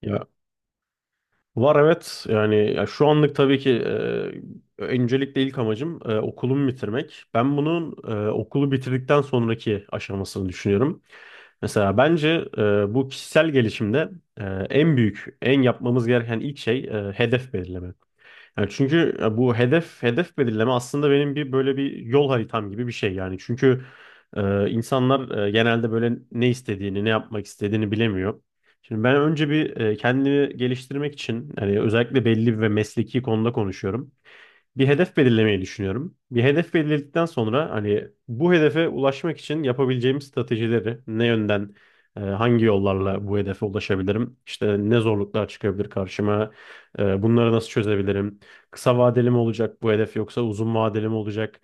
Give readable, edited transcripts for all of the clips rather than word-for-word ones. Ya, var evet yani ya şu anlık tabii ki, öncelikle ilk amacım okulumu bitirmek. Ben bunun okulu bitirdikten sonraki aşamasını düşünüyorum. Mesela bence bu kişisel gelişimde e, en büyük, en yapmamız gereken ilk şey hedef belirleme. Yani çünkü bu hedef belirleme aslında benim bir böyle bir yol haritam gibi bir şey yani. Çünkü insanlar genelde böyle ne istediğini, ne yapmak istediğini bilemiyor. Şimdi ben önce bir kendimi geliştirmek için hani özellikle belli ve mesleki konuda konuşuyorum, bir hedef belirlemeyi düşünüyorum. Bir hedef belirledikten sonra hani bu hedefe ulaşmak için yapabileceğim stratejileri ne yönden, hangi yollarla bu hedefe ulaşabilirim? İşte ne zorluklar çıkabilir karşıma? Bunları nasıl çözebilirim? Kısa vadeli mi olacak bu hedef yoksa uzun vadeli mi olacak?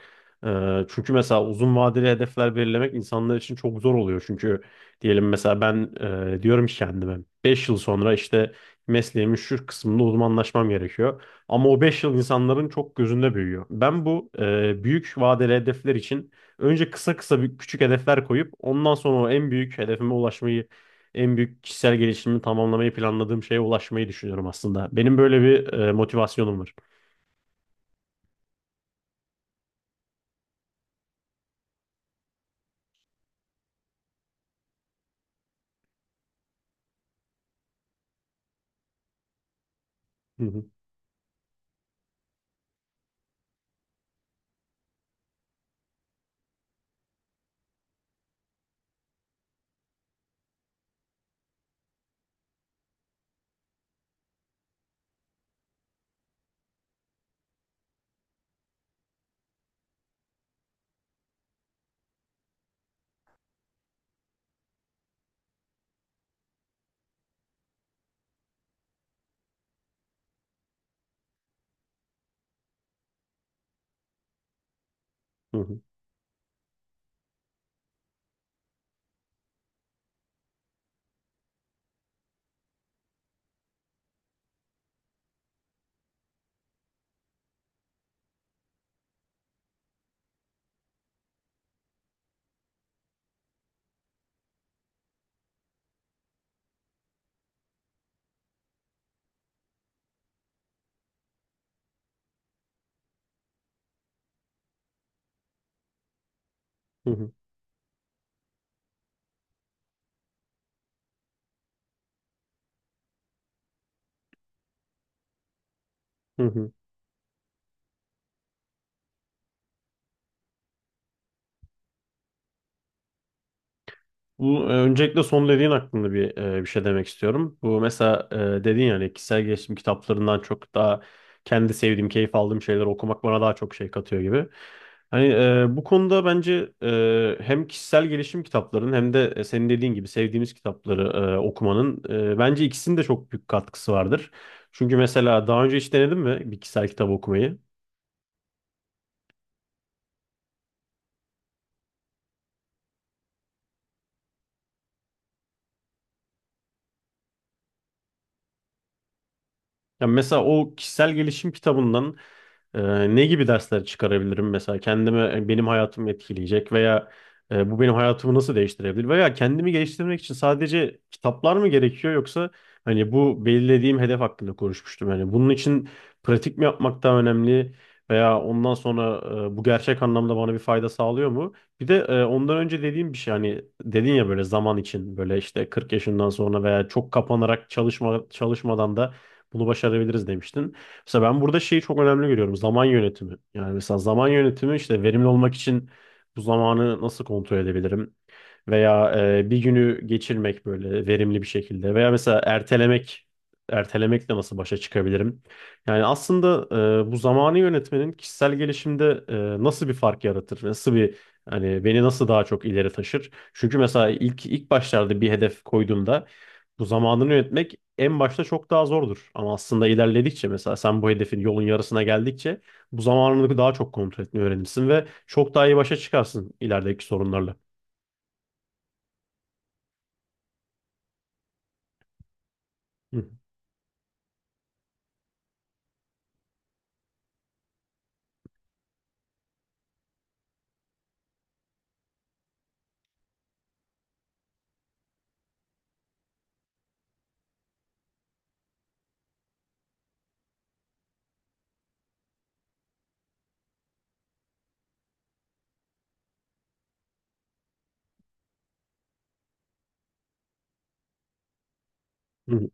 Çünkü mesela uzun vadeli hedefler belirlemek insanlar için çok zor oluyor. Çünkü diyelim mesela ben diyorum ki kendime, 5 yıl sonra işte mesleğimin şu kısmında uzmanlaşmam gerekiyor. Ama o 5 yıl insanların çok gözünde büyüyor. Ben bu büyük vadeli hedefler için önce kısa kısa bir küçük hedefler koyup ondan sonra o en büyük hedefime ulaşmayı, en büyük kişisel gelişimimi tamamlamayı planladığım şeye ulaşmayı düşünüyorum aslında. Benim böyle bir motivasyonum var. Hı hı, hı hı, hı hı, hı hı. Bu, öncelikle son dediğin hakkında bir şey demek istiyorum. Bu mesela dedin yani kişisel gelişim kitaplarından çok daha kendi sevdiğim, keyif aldığım şeyleri okumak bana daha çok şey katıyor gibi. Hani bu konuda bence hem kişisel gelişim kitaplarının hem de senin dediğin gibi sevdiğimiz kitapları okumanın bence ikisinin de çok büyük katkısı vardır. Çünkü mesela daha önce hiç denedin mi bir kişisel kitap okumayı? Ya mesela o kişisel gelişim kitabından ne gibi dersler çıkarabilirim mesela kendime benim hayatımı etkileyecek veya bu benim hayatımı nasıl değiştirebilir veya kendimi geliştirmek için sadece kitaplar mı gerekiyor yoksa hani bu belirlediğim hedef hakkında konuşmuştum yani bunun için pratik mi yapmak daha önemli veya ondan sonra bu gerçek anlamda bana bir fayda sağlıyor mu? Bir de ondan önce dediğim bir şey, hani dedin ya böyle zaman için böyle işte 40 yaşından sonra veya çok kapanarak çalışmadan da bunu başarabiliriz demiştin. Mesela ben burada şeyi çok önemli görüyorum. Zaman yönetimi. Yani mesela zaman yönetimi işte verimli olmak için bu zamanı nasıl kontrol edebilirim? Veya bir günü geçirmek böyle verimli bir şekilde. Veya mesela ertelemek. Ertelemekle nasıl başa çıkabilirim? Yani aslında bu zamanı yönetmenin kişisel gelişimde nasıl bir fark yaratır? Nasıl bir, hani beni nasıl daha çok ileri taşır? Çünkü mesela ilk başlarda bir hedef koyduğumda bu zamanını yönetmek en başta çok daha zordur. Ama aslında ilerledikçe mesela sen bu hedefin yolun yarısına geldikçe bu zamanını daha çok kontrol etmeyi öğrenirsin ve çok daha iyi başa çıkarsın ilerideki sorunlarla. Hı hı,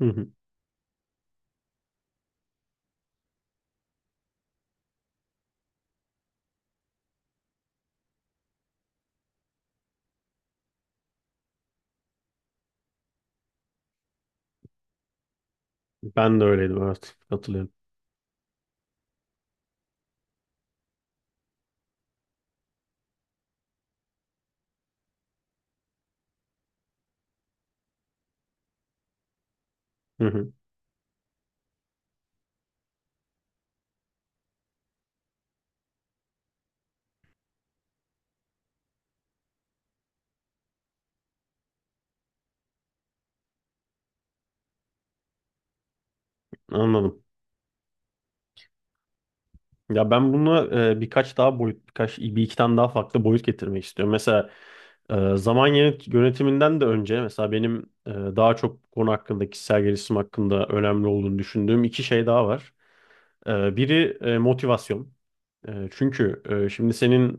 hı hı. Ben de öyleydim, evet, katılıyorum. Hı hı. Anladım. Ya ben bunu birkaç daha boyut, birkaç bir iki tane daha farklı boyut getirmek istiyorum. Mesela zaman yönetiminden de önce mesela benim daha çok bu konu hakkında, kişisel gelişim hakkında önemli olduğunu düşündüğüm iki şey daha var. Biri motivasyon. Çünkü şimdi senin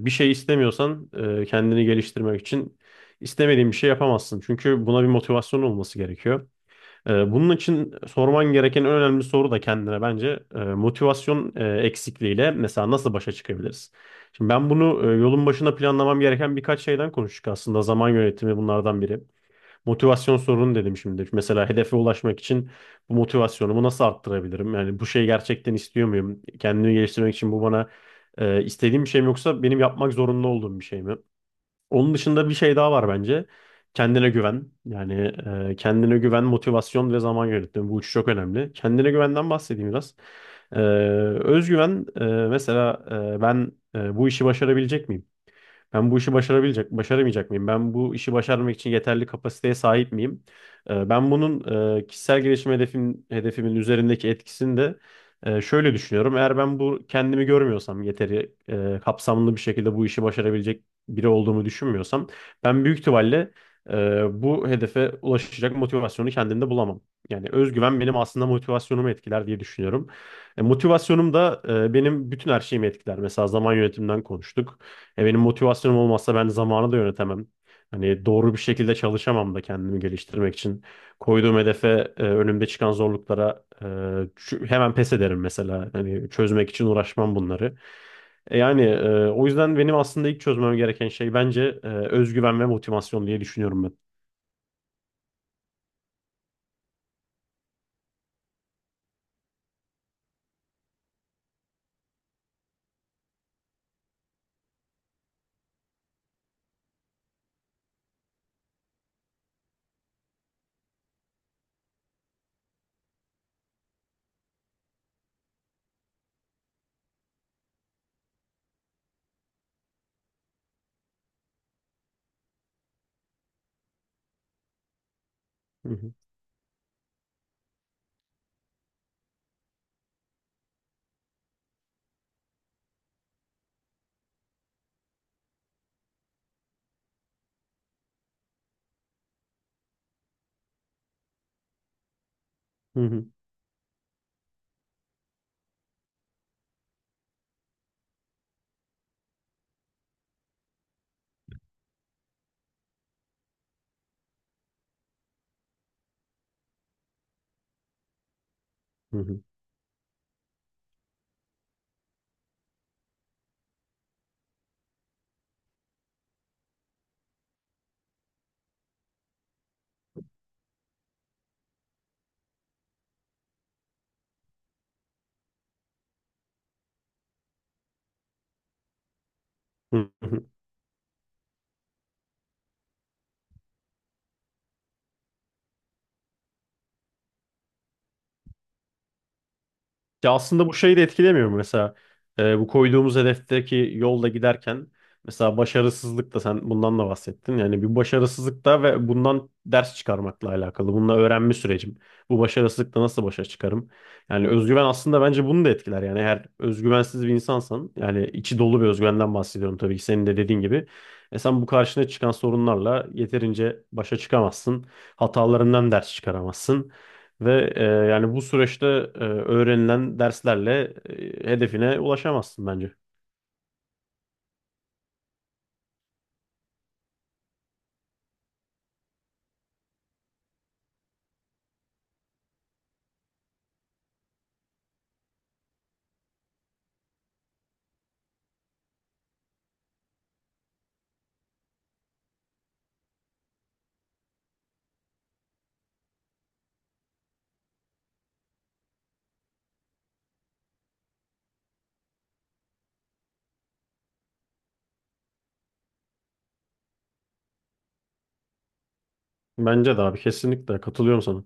bir şey istemiyorsan, kendini geliştirmek için istemediğin bir şey yapamazsın. Çünkü buna bir motivasyon olması gerekiyor. Bunun için sorman gereken en önemli soru da kendine bence motivasyon eksikliğiyle mesela nasıl başa çıkabiliriz? Şimdi ben bunu, yolun başına planlamam gereken birkaç şeyden konuştuk aslında. Zaman yönetimi bunlardan biri. Motivasyon sorunu dedim şimdi. Mesela hedefe ulaşmak için bu motivasyonumu nasıl arttırabilirim? Yani bu şeyi gerçekten istiyor muyum? Kendimi geliştirmek için bu bana istediğim bir şey mi yoksa benim yapmak zorunda olduğum bir şey mi? Onun dışında bir şey daha var bence. Kendine güven. Yani kendine güven, motivasyon ve zaman yönetimi. Bu üçü çok önemli. Kendine güvenden bahsedeyim biraz. E, Özgüven mesela, ben bu işi başarabilecek miyim? Ben bu işi başarabilecek, başaramayacak mıyım? Ben bu işi başarmak için yeterli kapasiteye sahip miyim? Ben bunun kişisel gelişim hedefim, hedefimin üzerindeki etkisini de şöyle düşünüyorum. Eğer ben bu kendimi görmüyorsam yeteri kapsamlı bir şekilde bu işi başarabilecek biri olduğumu düşünmüyorsam, ben büyük ihtimalle bu hedefe ulaşacak motivasyonu kendimde bulamam. Yani özgüven benim aslında motivasyonumu etkiler diye düşünüyorum. Motivasyonum da benim bütün her şeyimi etkiler. Mesela zaman yönetiminden konuştuk. Benim motivasyonum olmazsa ben zamanı da yönetemem. Hani doğru bir şekilde çalışamam da kendimi geliştirmek için. Koyduğum hedefe, önümde çıkan zorluklara, hemen pes ederim mesela. Hani çözmek için uğraşmam bunları. Yani o yüzden benim aslında ilk çözmem gereken şey bence özgüven ve motivasyon diye düşünüyorum ben. Hı hı, hı hı, hı hı, hı hı. Ya aslında bu şeyi de etkilemiyor mu? Mesela bu koyduğumuz hedefteki yolda giderken mesela başarısızlık da, sen bundan da bahsettin. Yani bir başarısızlık da ve bundan ders çıkarmakla alakalı. Bununla öğrenme sürecim. Bu başarısızlıkta nasıl başa çıkarım? Yani özgüven aslında bence bunu da etkiler. Yani eğer özgüvensiz bir insansan, yani içi dolu bir özgüvenden bahsediyorum tabii ki, senin de dediğin gibi. Sen bu karşına çıkan sorunlarla yeterince başa çıkamazsın. Hatalarından ders çıkaramazsın. Ve yani bu süreçte öğrenilen derslerle hedefine ulaşamazsın bence. Bence de abi, kesinlikle katılıyorum sana.